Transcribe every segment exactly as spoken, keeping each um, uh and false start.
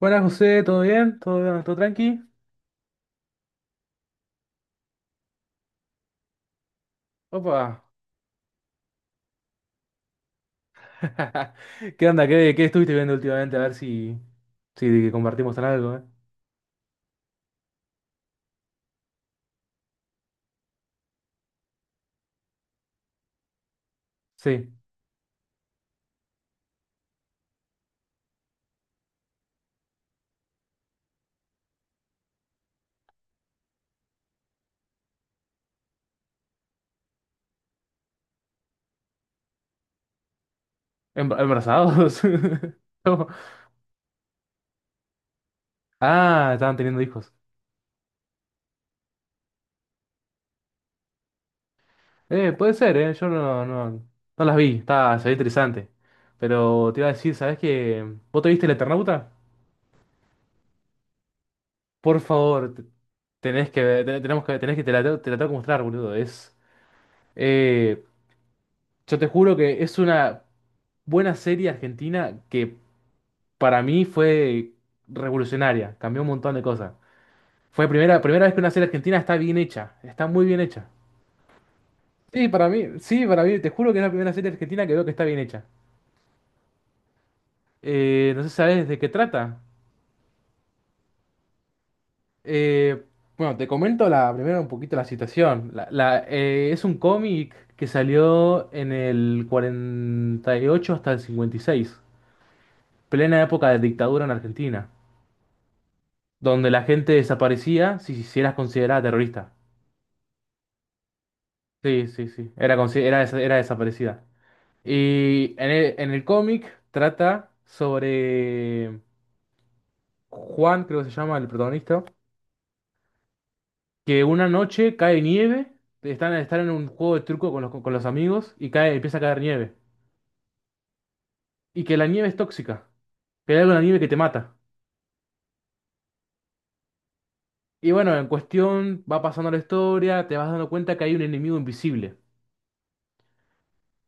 Buenas, José, ¿todo bien? ¿Todo, bien? ¿Todo tranqui? Opa. ¿Qué onda? ¿Qué, qué estuviste viendo últimamente? A ver si, si compartimos en algo, ¿eh? Sí. ¿Embra- ¿Embarazados? No. Ah, estaban teniendo hijos. Eh, puede ser, ¿eh? Yo no, no, no las vi. Está, se ve interesante. Pero te iba a decir, ¿sabes qué? ¿Vos te viste el Eternauta? Por favor, te- tenés que ver, te- tenemos que, tenés que, te la, tengo- te la tengo que mostrar, boludo. Es, eh, yo te juro que es una buena serie argentina que para mí fue revolucionaria, cambió un montón de cosas. Fue primera, primera vez que una serie argentina está bien hecha, está muy bien hecha. Sí, para mí, sí, para mí, te juro que es la primera serie argentina que veo que está bien hecha. Eh, no sé si sabes de qué trata. Eh, bueno, te comento la, primero un poquito la situación. La- la, eh, es un cómic que salió en el cuarenta y ocho hasta el cincuenta y seis, plena época de dictadura en Argentina, donde la gente desaparecía si, si eras considerada terrorista. Sí, sí, sí. Era, consi- era, desa- era desaparecida. Y en el, en el cómic trata sobre Juan, creo que se llama el protagonista, que una noche cae nieve, están, están en un juego de truco con los, con los amigos y cae, empieza a caer nieve. Y que la nieve es tóxica, que hay algo en la nieve que te mata. Y bueno, en cuestión va pasando la historia, te vas dando cuenta que hay un enemigo invisible.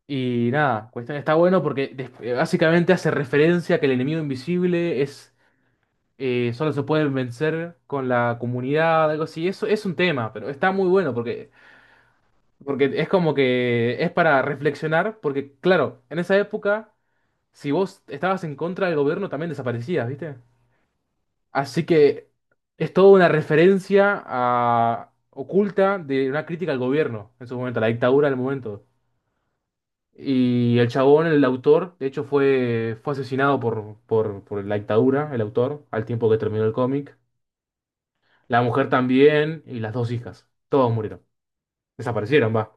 Y nada, cuestión está bueno porque des- básicamente hace referencia a que el enemigo invisible es eh, solo se pueden vencer con la comunidad, algo así. Eso es un tema, pero está muy bueno porque, porque, es como que es para reflexionar, porque claro, en esa época, si vos estabas en contra del gobierno, también desaparecías, ¿viste? Así que es toda una referencia a- oculta de una crítica al gobierno en su momento, a la dictadura del momento. Y el chabón, el autor, de hecho fue, fue asesinado por, por, por la dictadura, el autor, al tiempo que terminó el cómic. La mujer también y las dos hijas. Todos murieron. Desaparecieron, va.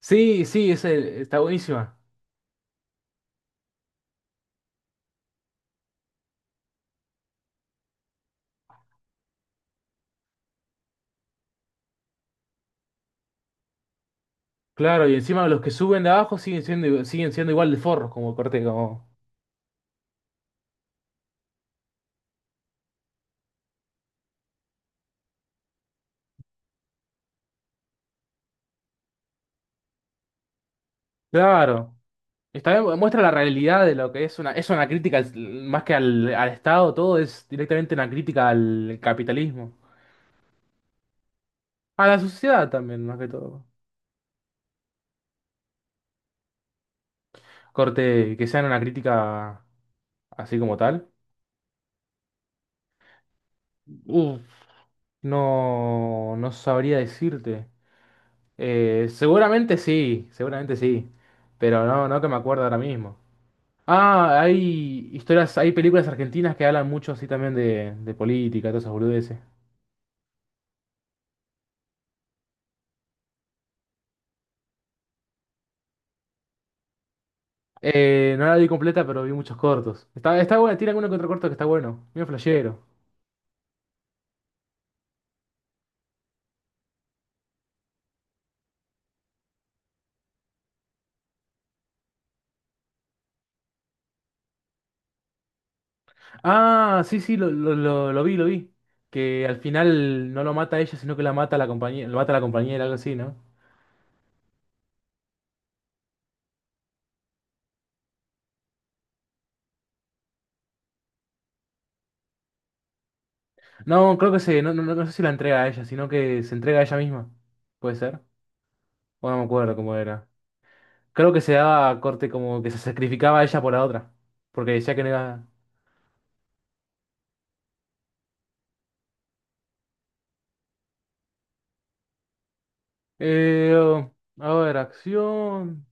Sí, sí, es el- está buenísima. Claro, y encima los que suben de abajo siguen siendo, igu- siguen siendo igual de forros, como corte, como. Claro. Está bien, muestra la realidad de lo que es una. Es una crítica al- más que al, al Estado, todo es directamente una crítica al capitalismo. A la sociedad también, más que todo. Corte, que sean una crítica así como tal. Uf, no, no sabría decirte. Eh, seguramente sí, seguramente sí, pero no, no que me acuerdo ahora mismo. Ah, hay historias, hay películas argentinas que hablan mucho así también de, de política, todas esas boludeces. Eh, no la vi completa, pero vi muchos cortos. Está, está buena, tiene alguno que otro corto que está bueno, medio flashero. Ah, sí, sí, lo, lo, lo, lo vi, lo vi. Que al final no lo mata ella, sino que la mata la compañía, lo mata la compañera, algo así, ¿no? No, creo que se, no, no, no no sé si la entrega a ella, sino que se entrega a ella misma. ¿Puede ser? O no me acuerdo cómo era. Creo que se daba corte como que se sacrificaba ella por la otra. Porque decía que no iba. Eh, a ver, acción.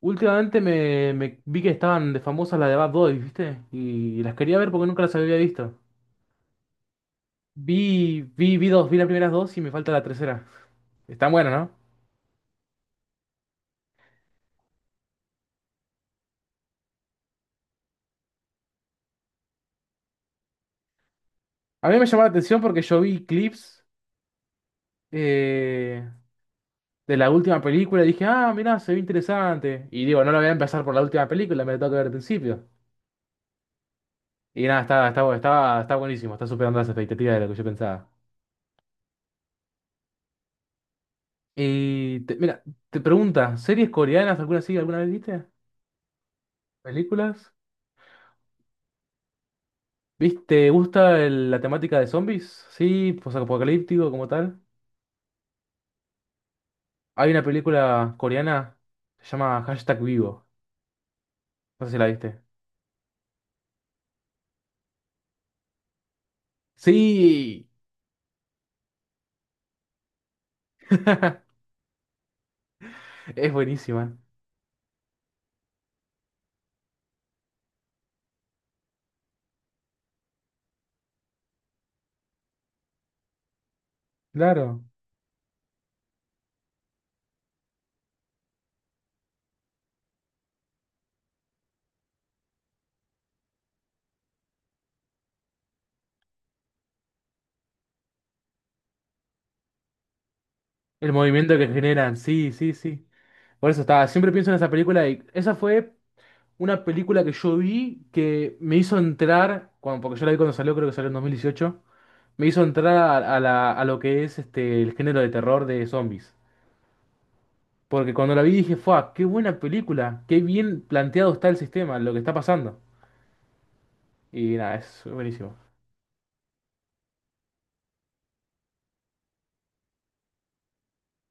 Últimamente me, me vi que estaban de famosas las de Bad Boys, ¿viste? Y las quería ver porque nunca las había visto. Vi, vi, vi dos, vi las primeras dos y me falta la tercera. Están buenas, ¿no? A mí me llamó la atención porque yo vi clips eh, de la última película y dije, ah, mirá, se ve interesante. Y digo, no lo voy a empezar por la última película, me lo tengo que ver al principio. Y nada, está, está, bu- está, está buenísimo, está superando las expectativas de lo que yo pensaba. Y te- mira, te pregunta, ¿series coreanas alguna así alguna vez viste? ¿Películas? ¿Viste? ¿Te gusta el- la temática de zombies? Sí, posapocalíptico como tal. Hay una película coreana, se llama Hashtag Vivo. No sé si la viste. Sí, es buenísima. Claro. El movimiento que generan, sí, sí, sí. Por eso estaba, siempre pienso en esa película y esa fue una película que yo vi que me hizo entrar, cuando, porque yo la vi cuando salió, creo que salió en dos mil dieciocho, me hizo entrar a, a la- a lo que es este, el género de terror de zombies. Porque cuando la vi dije, ¡fua! ¡Qué buena película! ¡Qué bien planteado está el sistema, lo que está pasando! Y nada, es buenísimo.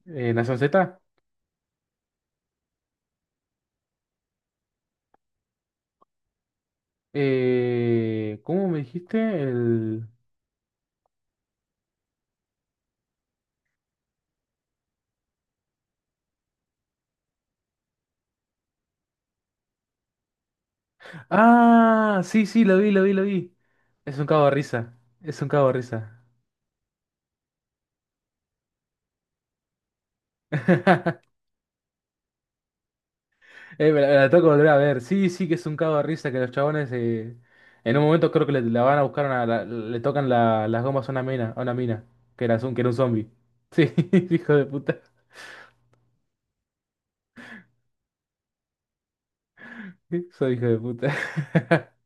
Eh, ¿Nación Z? Eh, ¿cómo me dijiste? El... Ah, sí, sí, lo vi, lo vi, lo vi. Es un cago de risa. Es un cago de risa. Eh, me la, me la tengo que volver a ver. Sí, sí, que es un cago de risa que los chabones eh, en un momento creo que le, la van a buscar una, la- le tocan la- las gomas a una mina, a una mina, que era, un- que era un zombie. Sí, hijo de puta. Soy hijo de puta.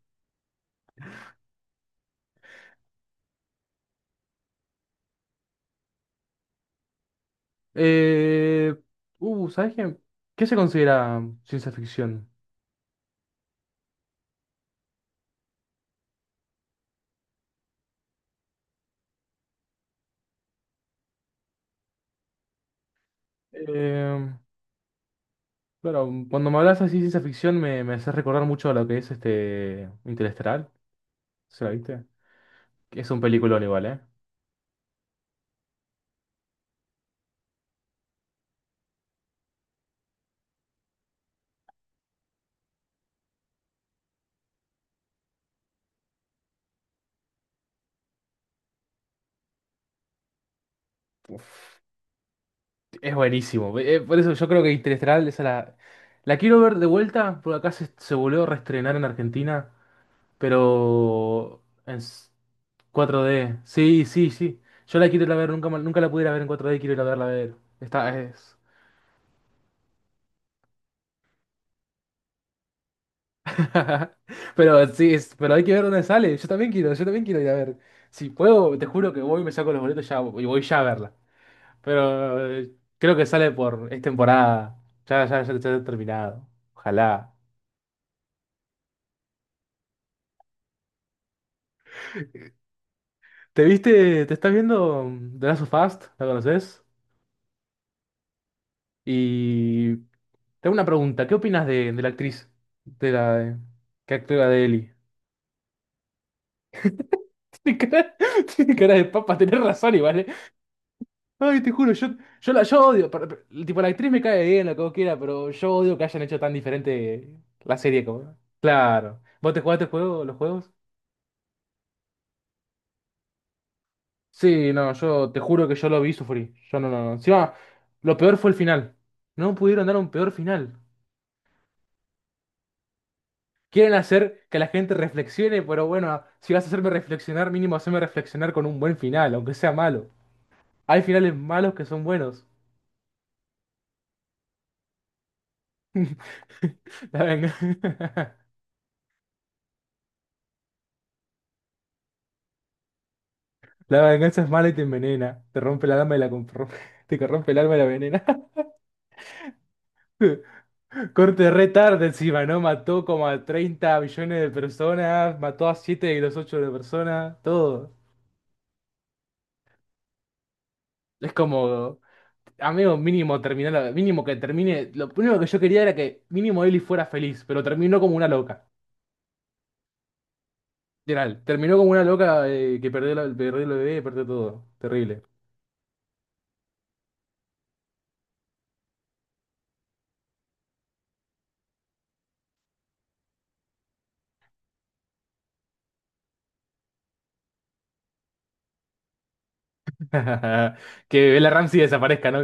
Eh, uh, ¿sabes qué? ¿Qué se considera ciencia ficción? Eh, claro, cuando me hablas así de ciencia ficción me, me haces recordar mucho a lo que es este Interestelar. ¿Se la viste? Que es un peliculón igual, ¿eh? Es buenísimo. Eh, eh, por eso yo creo que Interestelar, esa la, la quiero ver de vuelta, porque acá se, se volvió a reestrenar en Argentina, pero en s- cuatro D. Sí, sí, sí. Yo la quiero ir a ver, nunca, mal- nunca la pudiera ver en cuatro D, quiero ir a verla a ver. Esta es. Pero sí, es- pero hay que ver dónde sale. Yo también quiero, yo también quiero ir a ver. Si puedo, te juro que voy y me saco los boletos ya, y voy ya a verla. Pero eh, creo que sale por, es temporada. Ya, ya, ya, ya ha terminado. Ojalá. ¿Te viste, te estás viendo The Last of Us? ¿La conoces? Y te hago una pregunta, ¿qué opinas de, de la actriz? De la eh, que actúa de Ellie. Tiene cara, tiene cara de papa, tenés razón y vale. Ay, te juro, yo, yo la yo odio. pero- pero, tipo, la actriz me cae bien, lo que vos quieras, pero yo odio que hayan hecho tan diferente la serie como. Claro. ¿Vos te jugaste el juego, los juegos? Sí, no, yo te juro que yo lo vi y sufrí. Yo no, no, no. Encima, lo peor fue el final. No pudieron dar un peor final. Quieren hacer que la gente reflexione, pero bueno, si vas a hacerme reflexionar, mínimo haceme reflexionar con un buen final, aunque sea malo. Hay finales malos que son buenos. La venganza, la venganza es mala y te envenena. Te rompe el alma y la com- te corrompe el alma y la venena. Corte re tarde encima, ¿no? Mató como a treinta millones de personas, mató a siete de los ocho de personas, todo. Es como. Amigo, mínimo terminar, mínimo que termine. Lo único que yo quería era que mínimo Ellie fuera feliz, pero terminó como una loca. Literal, terminó como una loca eh, que perdió, la, perdió el bebé, perdió todo. Terrible. Que la Ramsey desaparezca, ¿no?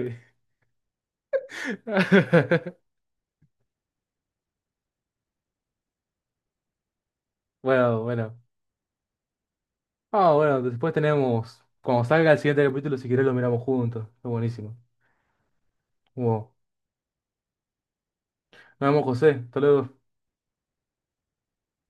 Bueno, bueno. Ah, bueno, después tenemos. Cuando salga el siguiente capítulo, si querés lo miramos juntos. Es buenísimo. Wow. Nos vemos, José. Hasta luego.